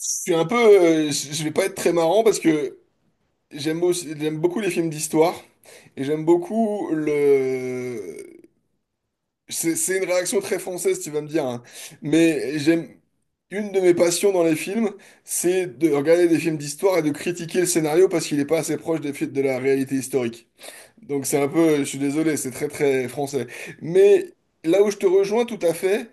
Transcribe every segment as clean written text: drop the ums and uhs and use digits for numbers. Je suis un peu, je vais pas être très marrant parce que j'aime beaucoup les films d'histoire et j'aime beaucoup le. C'est une réaction très française, tu vas me dire, hein. Mais j'aime une de mes passions dans les films, c'est de regarder des films d'histoire et de critiquer le scénario parce qu'il n'est pas assez proche des faits de la réalité historique. Donc c'est un peu, je suis désolé, c'est très très français. Mais là où je te rejoins tout à fait,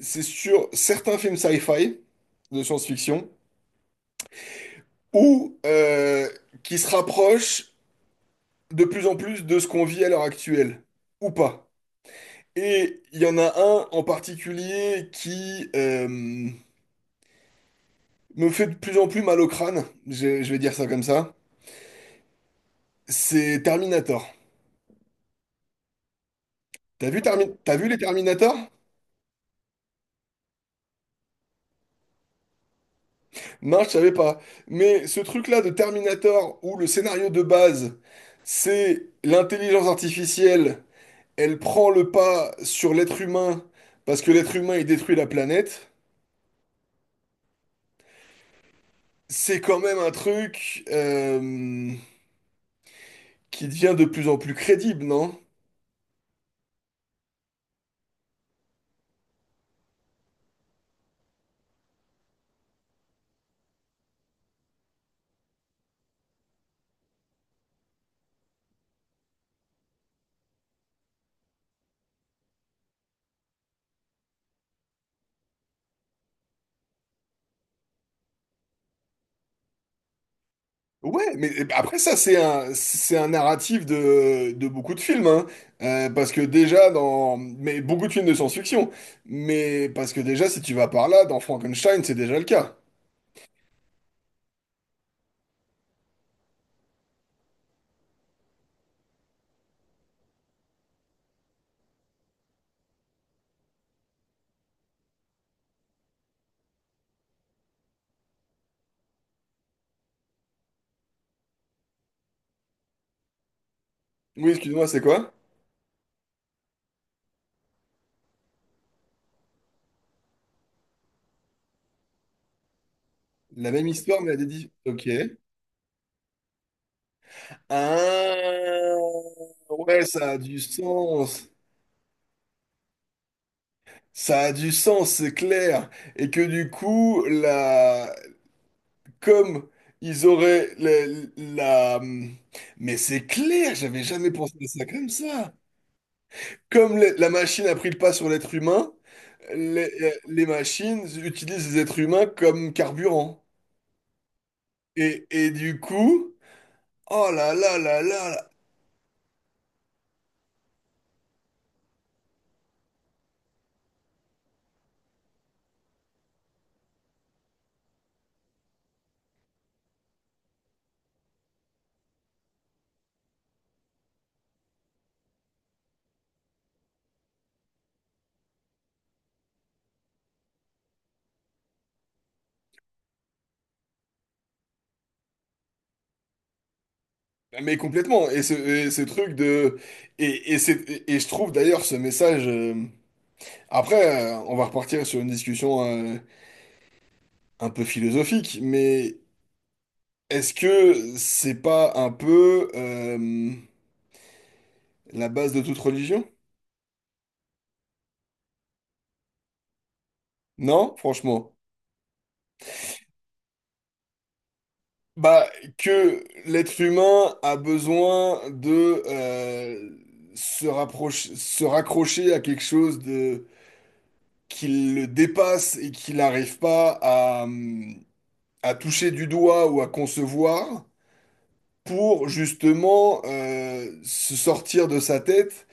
c'est sur certains films sci-fi de science-fiction. Ou qui se rapproche de plus en plus de ce qu'on vit à l'heure actuelle, ou pas. Et il y en a un en particulier qui me fait de plus en plus mal au crâne, je vais dire ça comme ça, c'est Terminator. T'as vu, t'as vu les Terminator? Non, je savais pas. Mais ce truc-là de Terminator, où le scénario de base, c'est l'intelligence artificielle, elle prend le pas sur l'être humain, parce que l'être humain, il détruit la planète. C'est quand même un truc qui devient de plus en plus crédible, non? Ouais, mais après ça, c'est un narratif de beaucoup de films, hein. Parce que déjà dans… Mais beaucoup de films de science-fiction. Mais parce que déjà, si tu vas par là, dans Frankenstein, c'est déjà le cas. Oui, excuse-moi, c'est quoi? La même histoire, mais à des… Ok. Ah, ouais, ça a du sens. Ça a du sens, c'est clair. Et que du coup, la, comme ils auraient la… Mais c'est clair, j'avais jamais pensé à ça. Comme la machine a pris le pas sur l'être humain, les, les machines utilisent les êtres humains comme carburant. Et du coup, oh là là là là là. Ah, mais complètement. Et ce truc de… et je trouve d'ailleurs ce message… Après, on va repartir sur une discussion euh, un peu philosophique, mais est-ce que c'est pas un peu la base de toute religion? Non, franchement. Bah, que l'être humain a besoin de se rapprocher, se raccrocher à quelque chose de qui le dépasse et qu'il n'arrive pas à, à toucher du doigt ou à concevoir pour justement se sortir de sa tête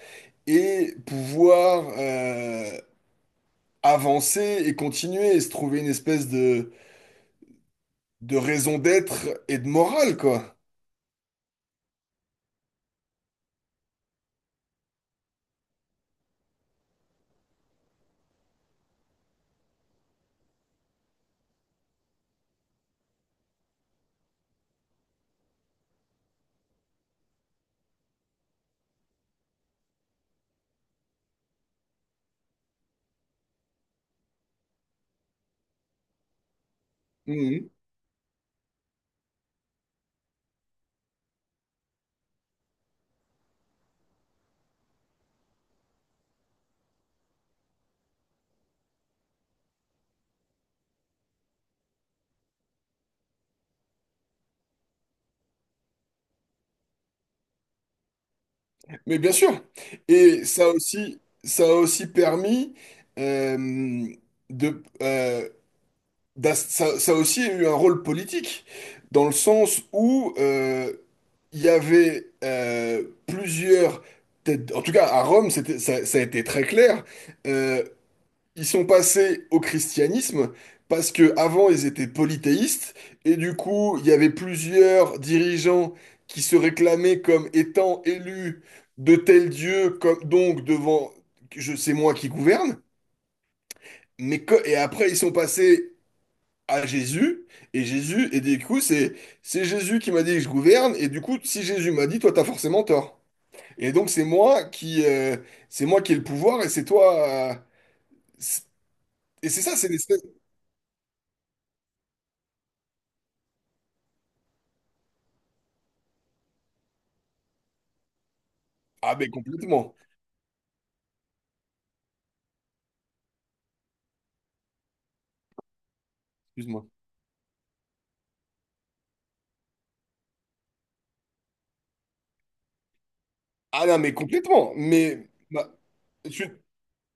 et pouvoir avancer et continuer et se trouver une espèce de raison d'être et de morale, quoi. Mhm. Mais bien sûr. Et ça aussi, ça a aussi permis euh, de, euh, ça, ça a aussi eu un rôle politique, dans le sens où il y avait plusieurs en tout cas à Rome, c'était, ça a été très clair. euh, Ils sont passés au christianisme parce que avant ils étaient polythéistes et du coup il y avait plusieurs dirigeants qui se réclamaient comme étant élus de tel Dieu comme donc devant je sais moi qui gouverne mais et après ils sont passés à Jésus et Jésus et du coup c'est Jésus qui m'a dit que je gouverne et du coup si Jésus m'a dit toi t'as forcément tort et donc c'est moi qui ai le pouvoir et c'est toi c'est- et c'est ça c'est l'espèce ah mais complètement. Excuse-moi. Ah non, mais complètement. Mais bah, je, suis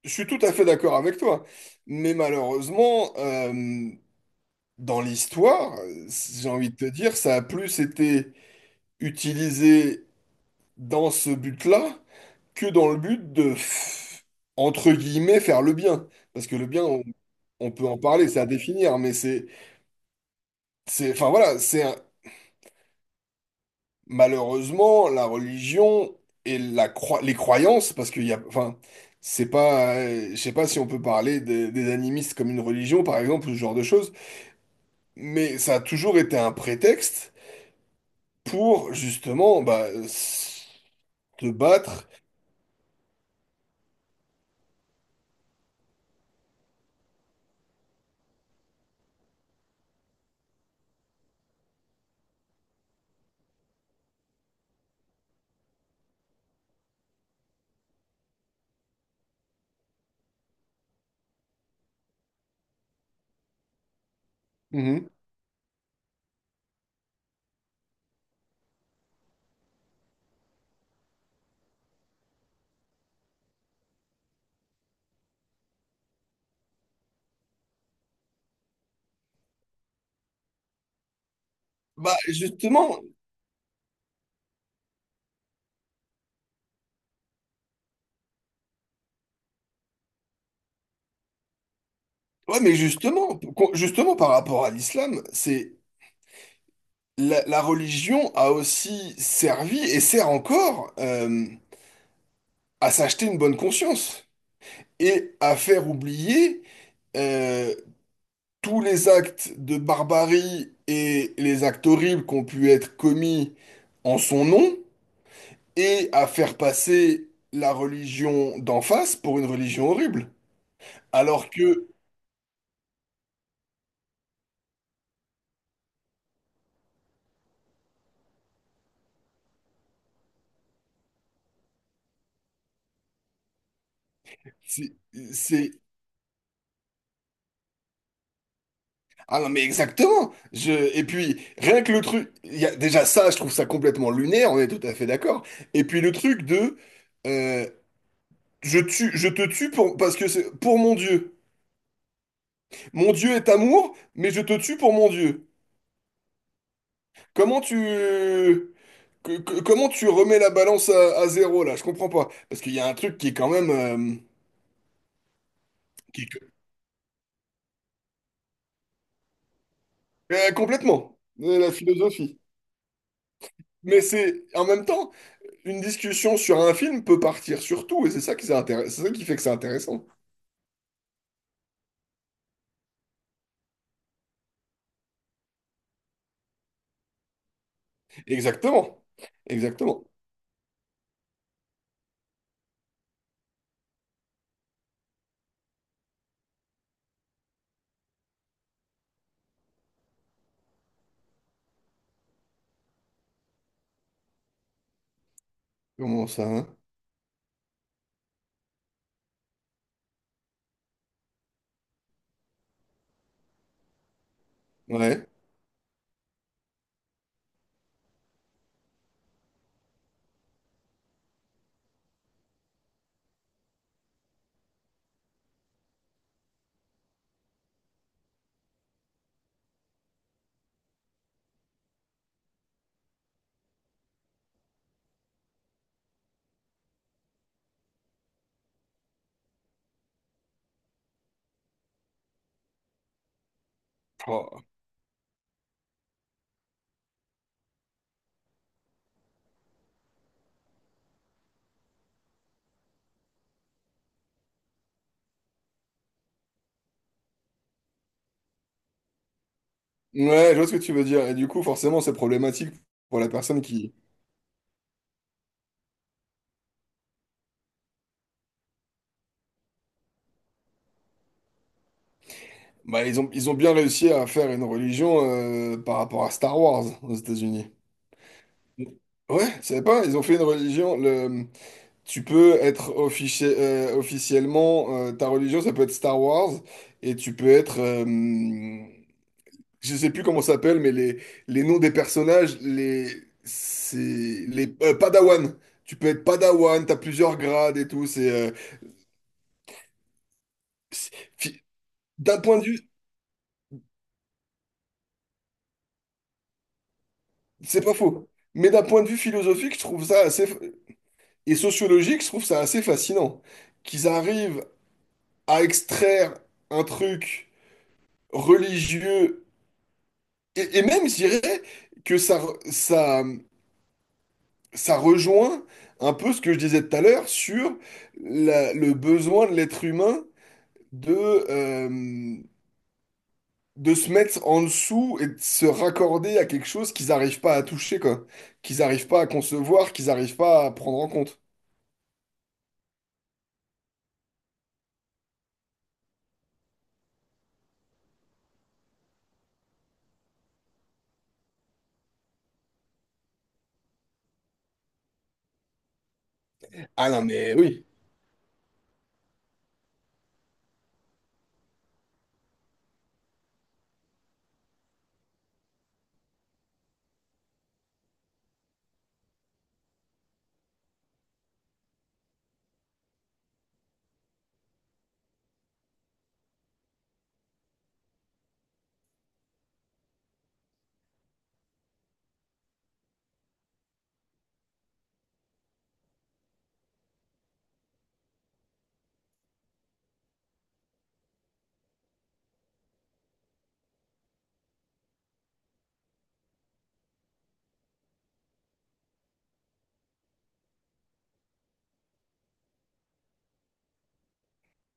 je suis tout à fait d'accord avec toi. Mais malheureusement, dans l'histoire, j'ai envie de te dire, ça a plus été utilisé dans ce but-là que dans le but de, entre guillemets, faire le bien. Parce que le bien, on peut en parler, c'est à définir, mais enfin voilà, c'est, malheureusement, la religion et les croyances, parce qu'il y a, enfin, c'est pas, je sais pas si on peut parler des animistes comme une religion, par exemple, ou ce genre de choses, mais ça a toujours été un prétexte pour justement, bah, te battre. Mhm. Bah, justement, ouais, mais justement, justement par rapport à l'islam, c'est la, la religion a aussi servi et sert encore à s'acheter une bonne conscience, et à faire oublier euh, tous les actes de barbarie et les actes horribles qui ont pu être commis en son nom, et à faire passer la religion d'en face pour une religion horrible. Alors que c'est... c'est- ah non, mais exactement. Je… Et puis, rien que le truc… Il y a… Déjà ça, je trouve ça complètement lunaire, on est tout à fait d'accord. Et puis le truc de… euh, je tue, je te tue pour… parce que c'est pour mon Dieu. Mon Dieu est amour, mais je te tue pour mon Dieu. Comment tu… comment tu remets la balance à zéro, là? Je comprends pas. Parce qu'il y a un truc qui est quand même… qui est- euh, complètement. La philosophie. Mais c'est… En même temps, une discussion sur un film peut partir sur tout, et c'est ça qui, c'est ça qui fait que c'est intéressant. Exactement. Exactement. Comment ça, hein? Ouais. Oh. Ouais, je vois ce que tu veux dire. Et du coup, forcément, c'est problématique pour la personne qui. Bah, ils ont bien réussi à faire une religion par rapport à Star Wars aux États-Unis. Ouais, tu savais pas, ils ont fait une religion. Le, tu peux être officiellement, ta religion, ça peut être Star Wars, et tu peux être, je sais plus comment ça s'appelle, mais les noms des personnages, les, c'est les Padawan. Tu peux être Padawan, t'as plusieurs grades et tout. C'est- fi- D'un point de vue, c'est pas faux, mais d'un point de vue philosophique, je trouve ça assez. Et sociologique, je trouve ça assez fascinant. Qu'ils arrivent à extraire un truc religieux, et même, je dirais, que ça rejoint un peu ce que je disais tout à l'heure sur le besoin de l'être humain de, euh, de se mettre en dessous et de se raccorder à quelque chose qu'ils n'arrivent pas à toucher, quoi. Qu'ils n'arrivent pas à concevoir, qu'ils n'arrivent pas à prendre en compte. Ah non, mais oui.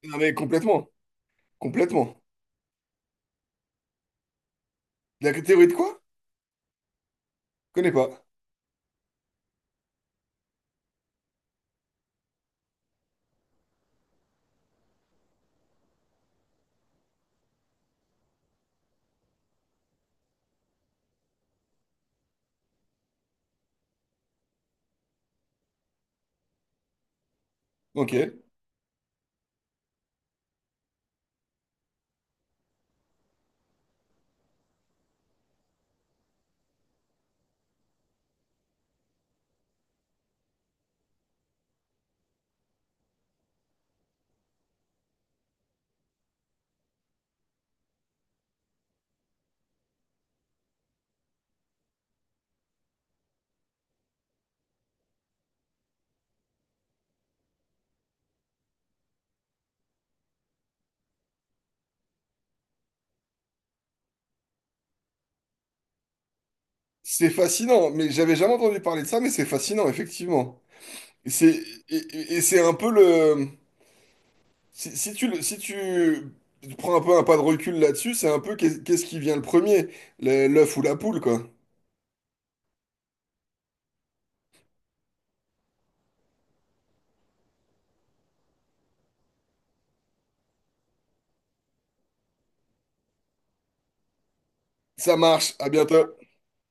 Non, mais complètement. Complètement. La théorie de quoi? Connais pas. Ok. C'est fascinant, mais j'avais jamais entendu parler de ça, mais c'est fascinant, effectivement. Et c'est et c'est un peu le… Si, si tu prends un peu un pas de recul là-dessus, c'est un peu qu'est-ce qui vient le premier, l'œuf ou la poule, quoi. Ça marche, à bientôt.